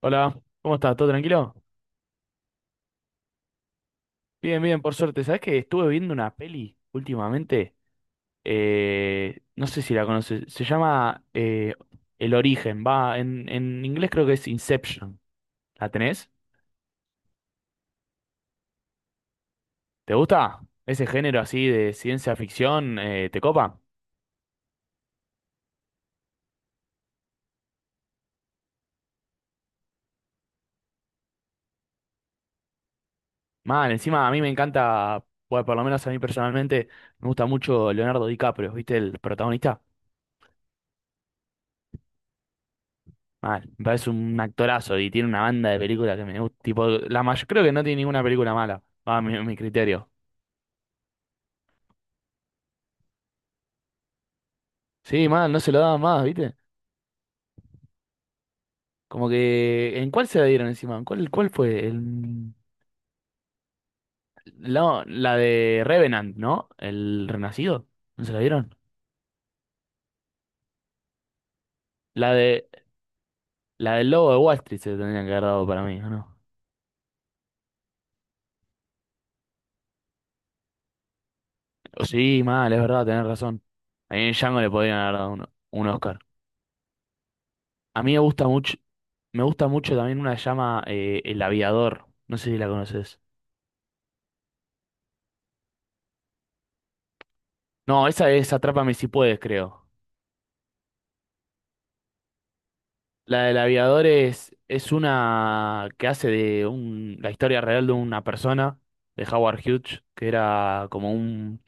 Hola, ¿cómo estás? ¿Todo tranquilo? Bien, bien, por suerte. ¿Sabés que estuve viendo una peli últimamente? No sé si la conoces. Se llama El Origen. Va, en inglés creo que es Inception. ¿La tenés? ¿Te gusta? Ese género así de ciencia ficción, ¿te copa? Mal, encima a mí me encanta, bueno, por lo menos a mí personalmente, me gusta mucho Leonardo DiCaprio, ¿viste? El protagonista. Mal, me parece un actorazo y tiene una banda de películas que me gusta. Tipo, la mayor, creo que no tiene ninguna película mala, a mi criterio. Sí, mal, no se lo daban más, ¿viste? Como que, ¿en cuál se la dieron encima? ¿En ¿Cuál fue? La de Revenant, ¿no? ¿El Renacido? ¿No se la dieron? La de, la del Lobo de Wall Street se la tendrían que haber dado para mí, ¿o ¿no? Sí, mal, es verdad, tenés razón. A mí en Django le podrían haber dado un Oscar. A mí me gusta mucho también una que se llama El Aviador. No sé si la conoces. No, esa es Atrápame si puedes, creo. La del aviador es una que hace de un, la historia real de una persona, de Howard Hughes, que era como un,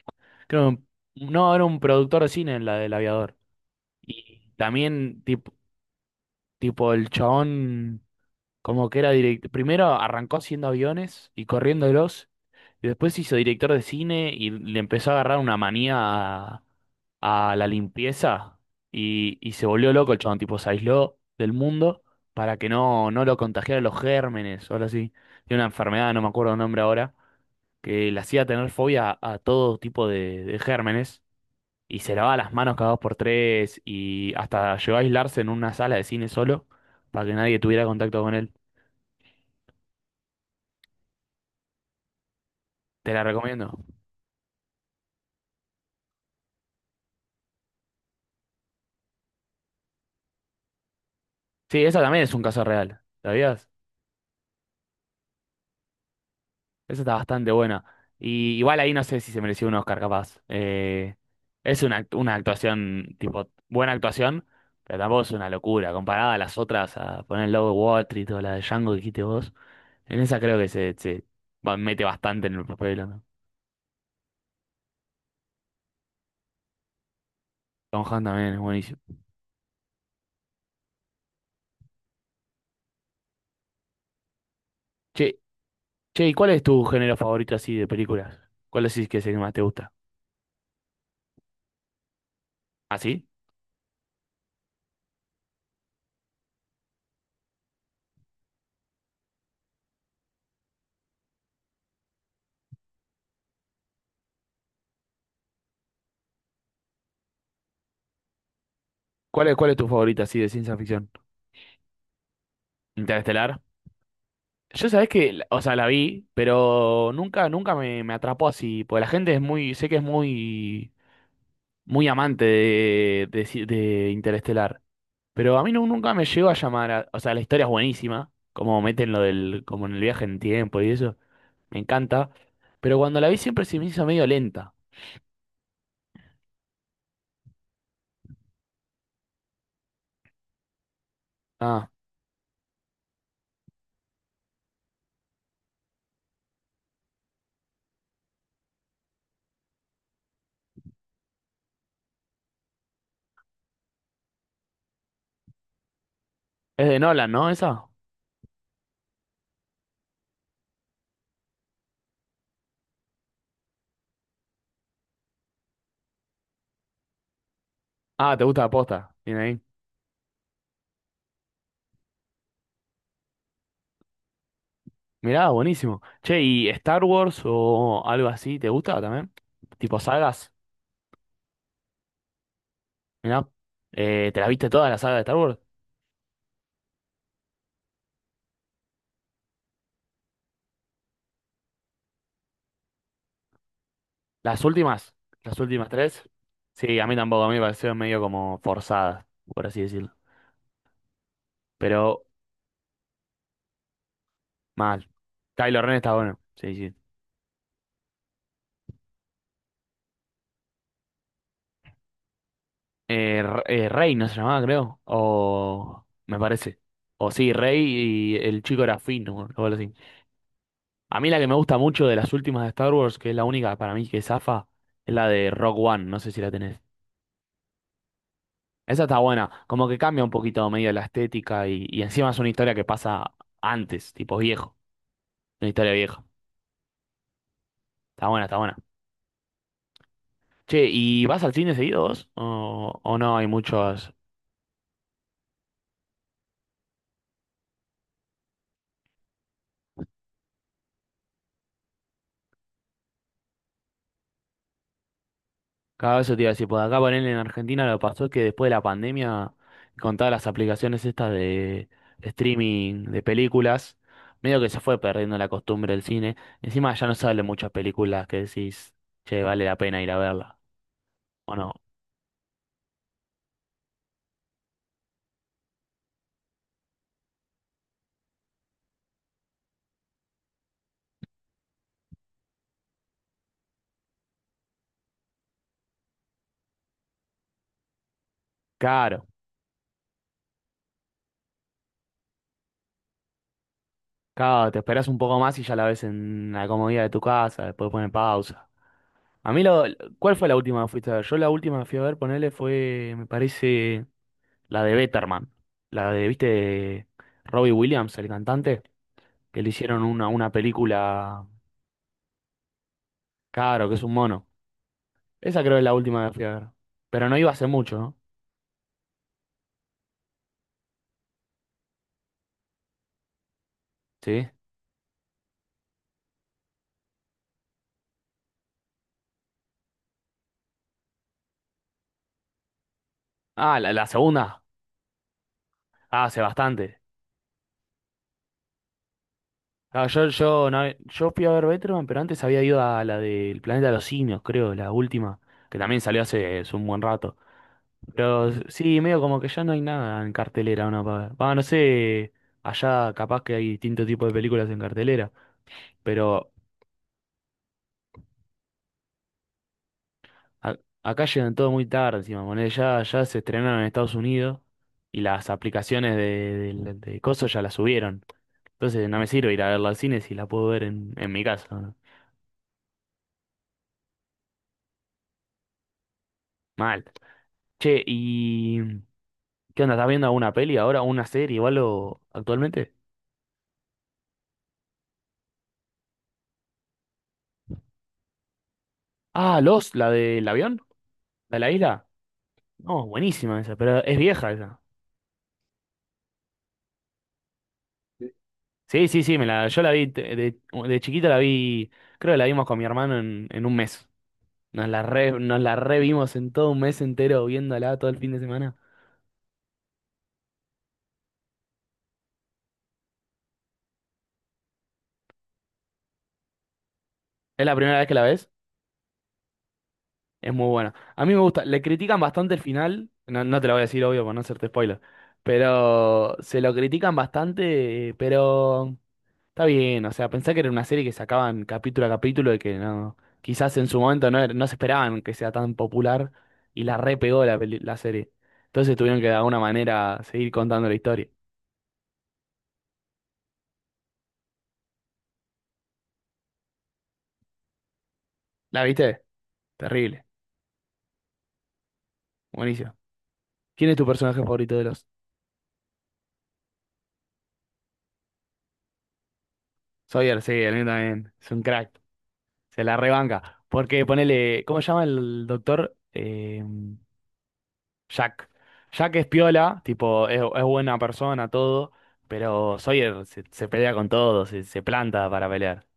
creo, no, era un productor de cine en la del aviador. Y también, tipo el chabón. Como que era director. Primero arrancó haciendo aviones y corriéndolos. Después se hizo director de cine y le empezó a agarrar una manía a la limpieza. Y se volvió loco el chabón, tipo, se aisló del mundo para que no lo contagiaran los gérmenes o algo así. Tiene una enfermedad, no me acuerdo el nombre ahora, que le hacía tener fobia a todo tipo de gérmenes. Y se lavaba las manos cada dos por tres. Y hasta llegó a aislarse en una sala de cine solo para que nadie tuviera contacto con él. Te la recomiendo. Sí, esa también es un caso real, ¿sabías? Esa está bastante buena. Y igual ahí no sé si se mereció un Oscar, capaz. Es una, una actuación, tipo, buena actuación, pero tampoco es una locura. Comparada a las otras, a poner el logo de Wall Street o la de Django que dijiste vos, en esa creo que mete bastante en el papel, ¿no? Tom Hanks también es buenísimo. Che, che, ¿y cuál es tu género favorito así de películas? ¿Cuál decís que es el que más te gusta? ¿Ah, sí? Cuál es tu favorito así de ciencia ficción? ¿Interestelar? Yo sabés que, o sea, la vi, pero nunca, nunca me atrapó así, porque la gente es muy, sé que es muy, muy amante de, de Interestelar, pero a mí nunca me llegó a llamar, o sea, la historia es buenísima, como meten lo del, como en el viaje en tiempo y eso, me encanta, pero cuando la vi siempre se me hizo medio lenta. Ah, es de Nolan, ¿no? Esa. Ah, te gusta la posta, tiene ahí. Mirá, buenísimo. Che, ¿y Star Wars o algo así, te gusta también? Tipo sagas. Mirá, ¿te la viste toda la saga de Star Wars? ¿Las últimas? ¿Las últimas tres? Sí, a mí tampoco, a mí me parecieron medio como forzadas, por así decirlo. Pero mal. Kylo Ren está bueno, sí, sí. Rey no se llamaba, creo. O me parece. O sí, Rey y el chico era Finn, o algo así. A mí la que me gusta mucho de las últimas de Star Wars, que es la única para mí que zafa, es la de Rock One, no sé si la tenés. Esa está buena, como que cambia un poquito medio la estética y encima es una historia que pasa antes, tipo viejo, una historia vieja. Está buena, está buena. Che, ¿y vas al cine seguido vos? O no hay muchos? Cada vez eso te iba a decir, por acá ponerle en Argentina lo que pasó es que después de la pandemia, con todas las aplicaciones estas de streaming de películas, medio que se fue perdiendo la costumbre del cine. Encima ya no salen muchas películas que decís, che, vale la pena ir a verla, ¿o no? Claro. Claro, te esperas un poco más y ya la ves en la comodidad de tu casa, después pone pausa. A mí lo, ¿Cuál fue la última que fuiste a ver? Yo la última que fui a ver, ponele, fue, me parece, la de Betterman. La de, ¿viste? De Robbie Williams, el cantante, que le hicieron una película, claro, que es un mono. Esa creo que es la última que fui a ver. Pero no iba hace mucho, ¿no? ¿Sí? Ah, la segunda. Ah, hace bastante. No, yo fui a ver Betterman, pero antes había ido a la del Planeta de los Simios, creo, la última, que también salió hace un buen rato. Pero sí, medio como que ya no hay nada en cartelera, ¿no? Va, no sé, allá capaz que hay distintos tipos de películas en cartelera, pero a- acá llegan todo muy tarde encima, ponele, ya se estrenaron en Estados Unidos y las aplicaciones de coso ya las subieron. Entonces no me sirve ir a verla al cine si la puedo ver en mi casa, ¿no? Mal. Che, y... ¿Qué onda? ¿Estás viendo una peli ahora, una serie o algo actualmente? Ah, Los, la del avión, la de la isla. No, buenísima esa, pero es vieja esa. Sí, sí, sí, yo la vi de chiquito la vi, creo que la vimos con mi hermano en un mes. Nos la revimos en todo un mes entero viéndola todo el fin de semana. ¿Es la primera vez que la ves? Es muy buena. A mí me gusta, le critican bastante el final, no, no te lo voy a decir obvio por no hacerte spoiler, pero se lo critican bastante, pero... Está bien, o sea, pensá que era una serie que sacaban capítulo a capítulo y que no, quizás en su momento no, no se esperaban que sea tan popular y la repegó la serie. Entonces tuvieron que de alguna manera seguir contando la historia. ¿La viste? Terrible, buenísimo. ¿Quién es tu personaje favorito de los? Sawyer, sí, el mío también. Es un crack, se la rebanca. Porque ponele, ¿cómo se llama el doctor? Jack. Jack es piola, tipo, es buena persona, todo, pero Sawyer se pelea con todo, se planta para pelear.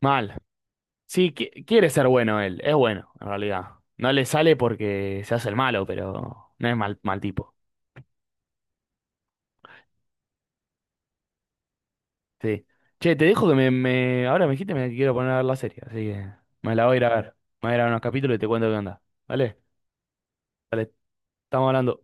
Mal. Sí, quiere ser bueno él, es bueno, en realidad. No le sale porque se hace el malo, pero no es mal tipo. Sí. Che, te dejo que ahora me dijiste que me quiero poner a ver la serie, así que me la voy a ir a ver. Me voy a ir a ver unos capítulos y te cuento qué onda. ¿Vale? Vale, estamos hablando.